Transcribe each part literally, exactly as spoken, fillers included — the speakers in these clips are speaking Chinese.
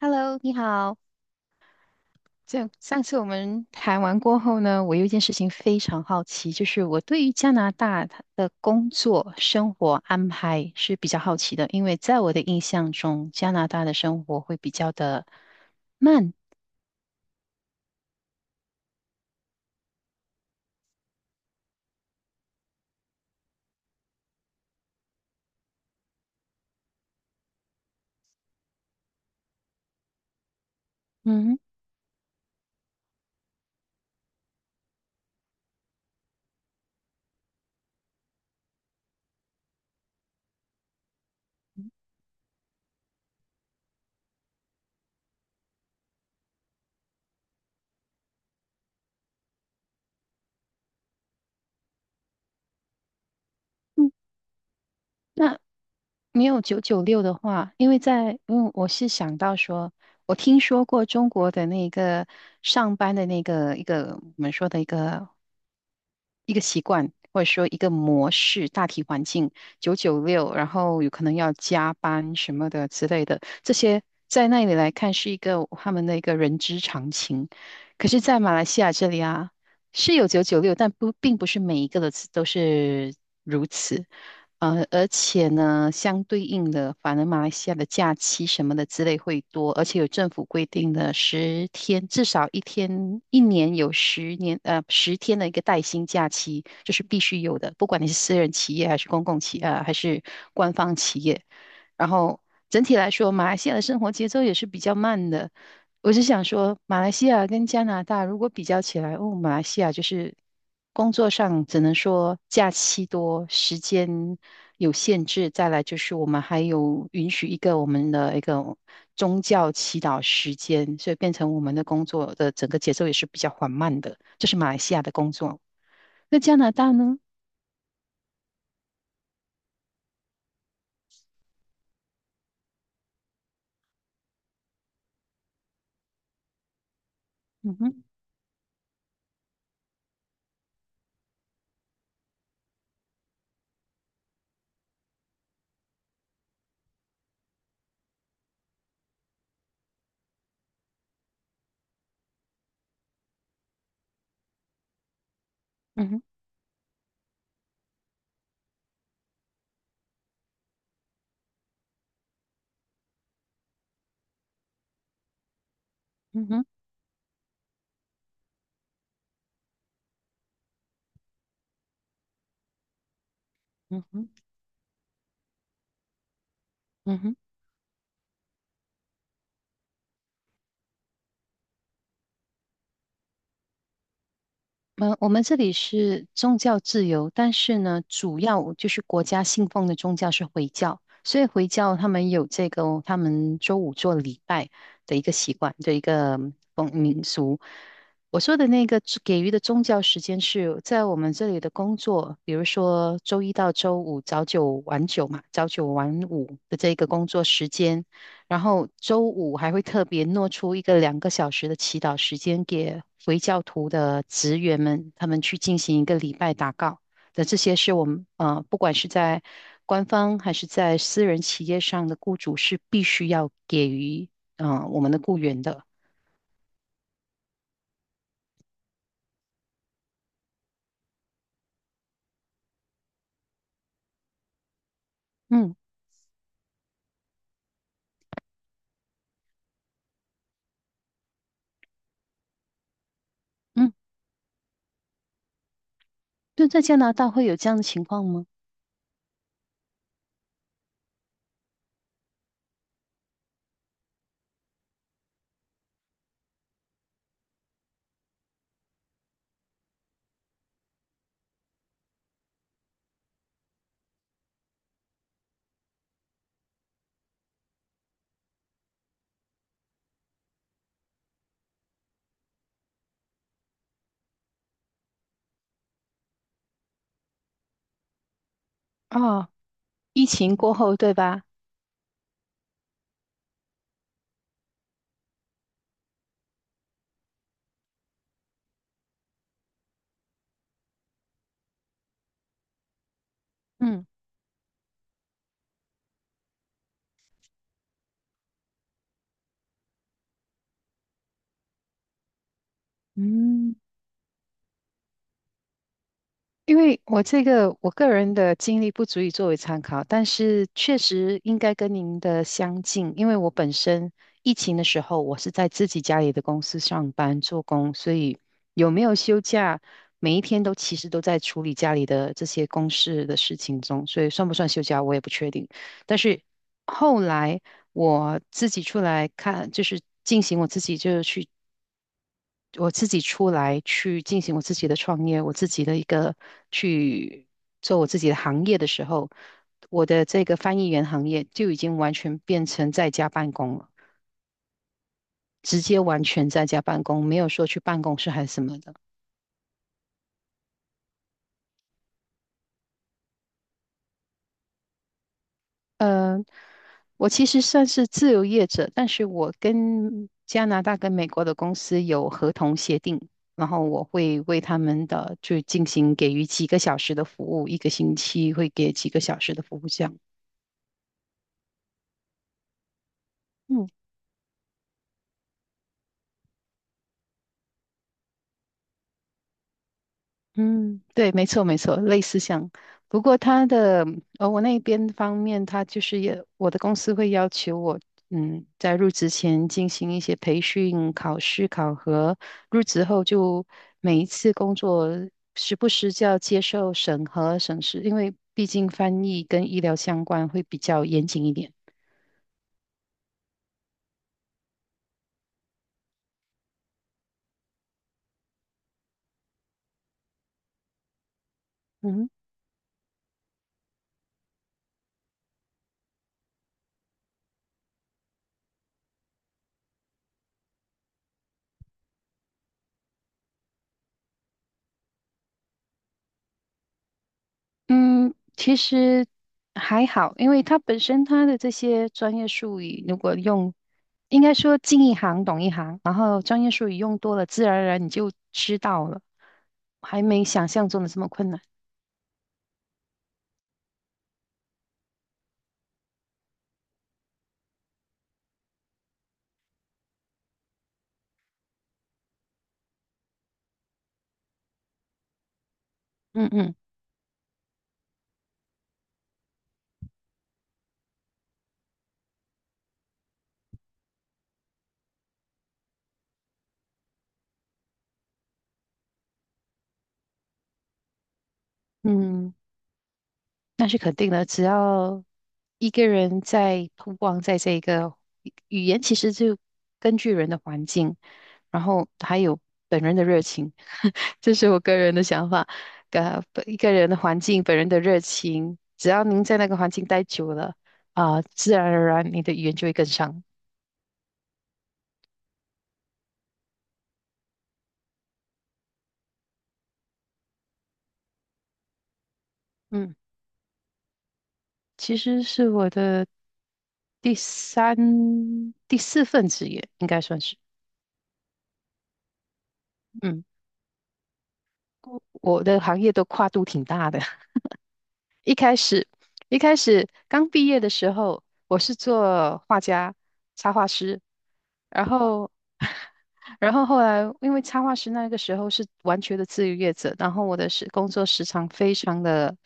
Hello，你好。这上次我们谈完过后呢，我有一件事情非常好奇，就是我对于加拿大它的工作生活安排是比较好奇的，因为在我的印象中，加拿大的生活会比较的慢。嗯嗯，那没有九九六的话，因为在因为我是想到说，我听说过中国的那个上班的那个一个我们说的一个一个习惯或者说一个模式，大体环境九九六，然后有可能要加班什么的之类的，这些在那里来看是一个他们的一个人之常情。可是，在马来西亚这里啊，是有九九六，但不并不是每一个的都是如此。呃，而且呢，相对应的，反而马来西亚的假期什么的之类会多，而且有政府规定的十天，至少一天，一年有十年，呃，十天的一个带薪假期，这是必须有的，不管你是私人企业还是公共企，呃，还是官方企业。然后整体来说，马来西亚的生活节奏也是比较慢的。我是想说，马来西亚跟加拿大如果比较起来，哦，马来西亚就是工作上只能说假期多，时间有限制。再来就是我们还有允许一个我们的一个宗教祈祷时间，所以变成我们的工作的整个节奏也是比较缓慢的。这是马来西亚的工作。那加拿大呢？嗯哼，嗯哼，嗯哼，嗯哼，嗯哼。嗯，我们这里是宗教自由，但是呢，主要就是国家信奉的宗教是回教，所以回教他们有这个他们周五做礼拜的一个习惯的一个风民俗。我说的那个给予的宗教时间是在我们这里的工作，比如说周一到周五早九晚九嘛，早九晚五的这个工作时间。然后周五还会特别挪出一个两个小时的祈祷时间给回教徒的职员们，他们去进行一个礼拜祷告。的这些是我们呃，不管是在官方还是在私人企业上的雇主是必须要给予嗯、呃我们的雇员的。嗯嗯，就在加拿大会有这样的情况吗？啊、疫情过后对吧？嗯嗯。因为我这个我个人的经历不足以作为参考，但是确实应该跟您的相近，因为我本身疫情的时候，我是在自己家里的公司上班做工，所以有没有休假，每一天都其实都在处理家里的这些公事的事情中，所以算不算休假我也不确定。但是后来我自己出来看，就是进行我自己就是去我自己出来去进行我自己的创业，我自己的一个去做我自己的行业的时候，我的这个翻译员行业就已经完全变成在家办公了，直接完全在家办公，没有说去办公室还是什么的。呃，我其实算是自由业者，但是我跟加拿大跟美国的公司有合同协定。然后我会为他们的就进行给予几个小时的服务，一个星期会给几个小时的服务这样。嗯嗯，对，没错，没错，类似像，不过他的呃，我那边方面，他就是也，我的公司会要求我，嗯，在入职前进行一些培训、考试、考核，入职后就每一次工作时不时就要接受审核、审视，因为毕竟翻译跟医疗相关，会比较严谨一点。嗯嗯，其实还好，因为它本身它的这些专业术语，如果用，应该说进一行懂一行，然后专业术语用多了，自然而然你就知道了，还没想象中的这么困难。嗯嗯嗯。那是肯定的，只要一个人在通光在这个语言，其实就根据人的环境，然后还有本人的热情，这是我个人的想法。呃，本一个人的环境，本人的热情，只要您在那个环境待久了，啊、自然而然你的语言就会跟上。嗯，其实是我的第三、第四份职业，应该算是。嗯，我的行业都跨度挺大的。一开始，一开始刚毕业的时候，我是做画家、插画师，然后，然后后来因为插画师那个时候是完全的自由业者，然后我的时工作时长非常的，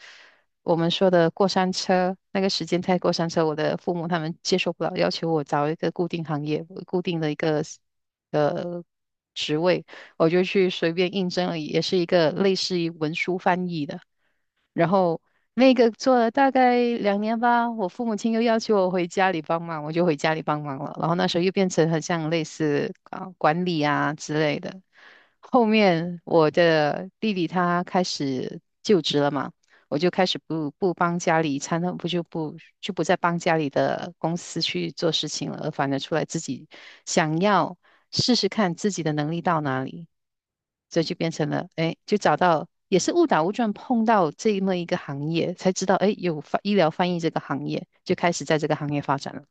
我们说的过山车，那个时间太过山车，我的父母他们接受不了，要求我找一个固定行业、固定的一个呃职位，我就去随便应征了，也是一个类似于文书翻译的。然后那个做了大概两年吧，我父母亲又要求我回家里帮忙，我就回家里帮忙了。然后那时候又变成很像类似啊管理啊之类的。后面我的弟弟他开始就职了嘛，我就开始不不帮家里参，不就不就不再帮家里的公司去做事情了，而反而出来自己想要试试看自己的能力到哪里。这就变成了，哎，就找到也是误打误撞碰到这么一个行业，才知道，哎，有翻医疗翻译这个行业，就开始在这个行业发展了。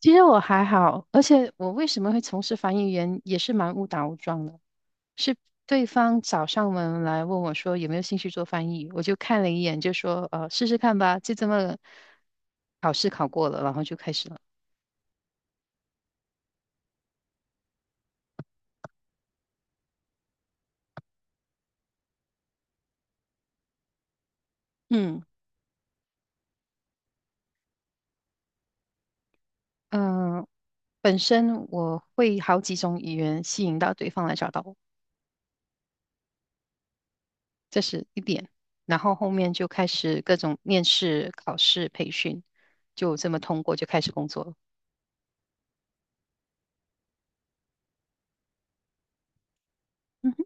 其实我还好，而且我为什么会从事翻译员，也是蛮误打误撞的，是对方找上门来问我说有没有兴趣做翻译，我就看了一眼，就说，呃，试试看吧，就这么考试考过了，然后就开始了。嗯嗯、呃本身我会好几种语言吸引到对方来找到我。这是一点。然后后面就开始各种面试、考试、培训，就这么通过就开始工作了。嗯哼，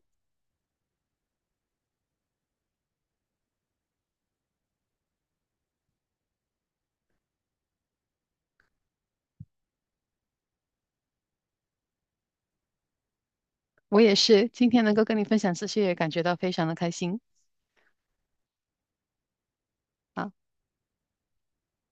我也是，今天能够跟你分享这些，也感觉到非常的开心。啊。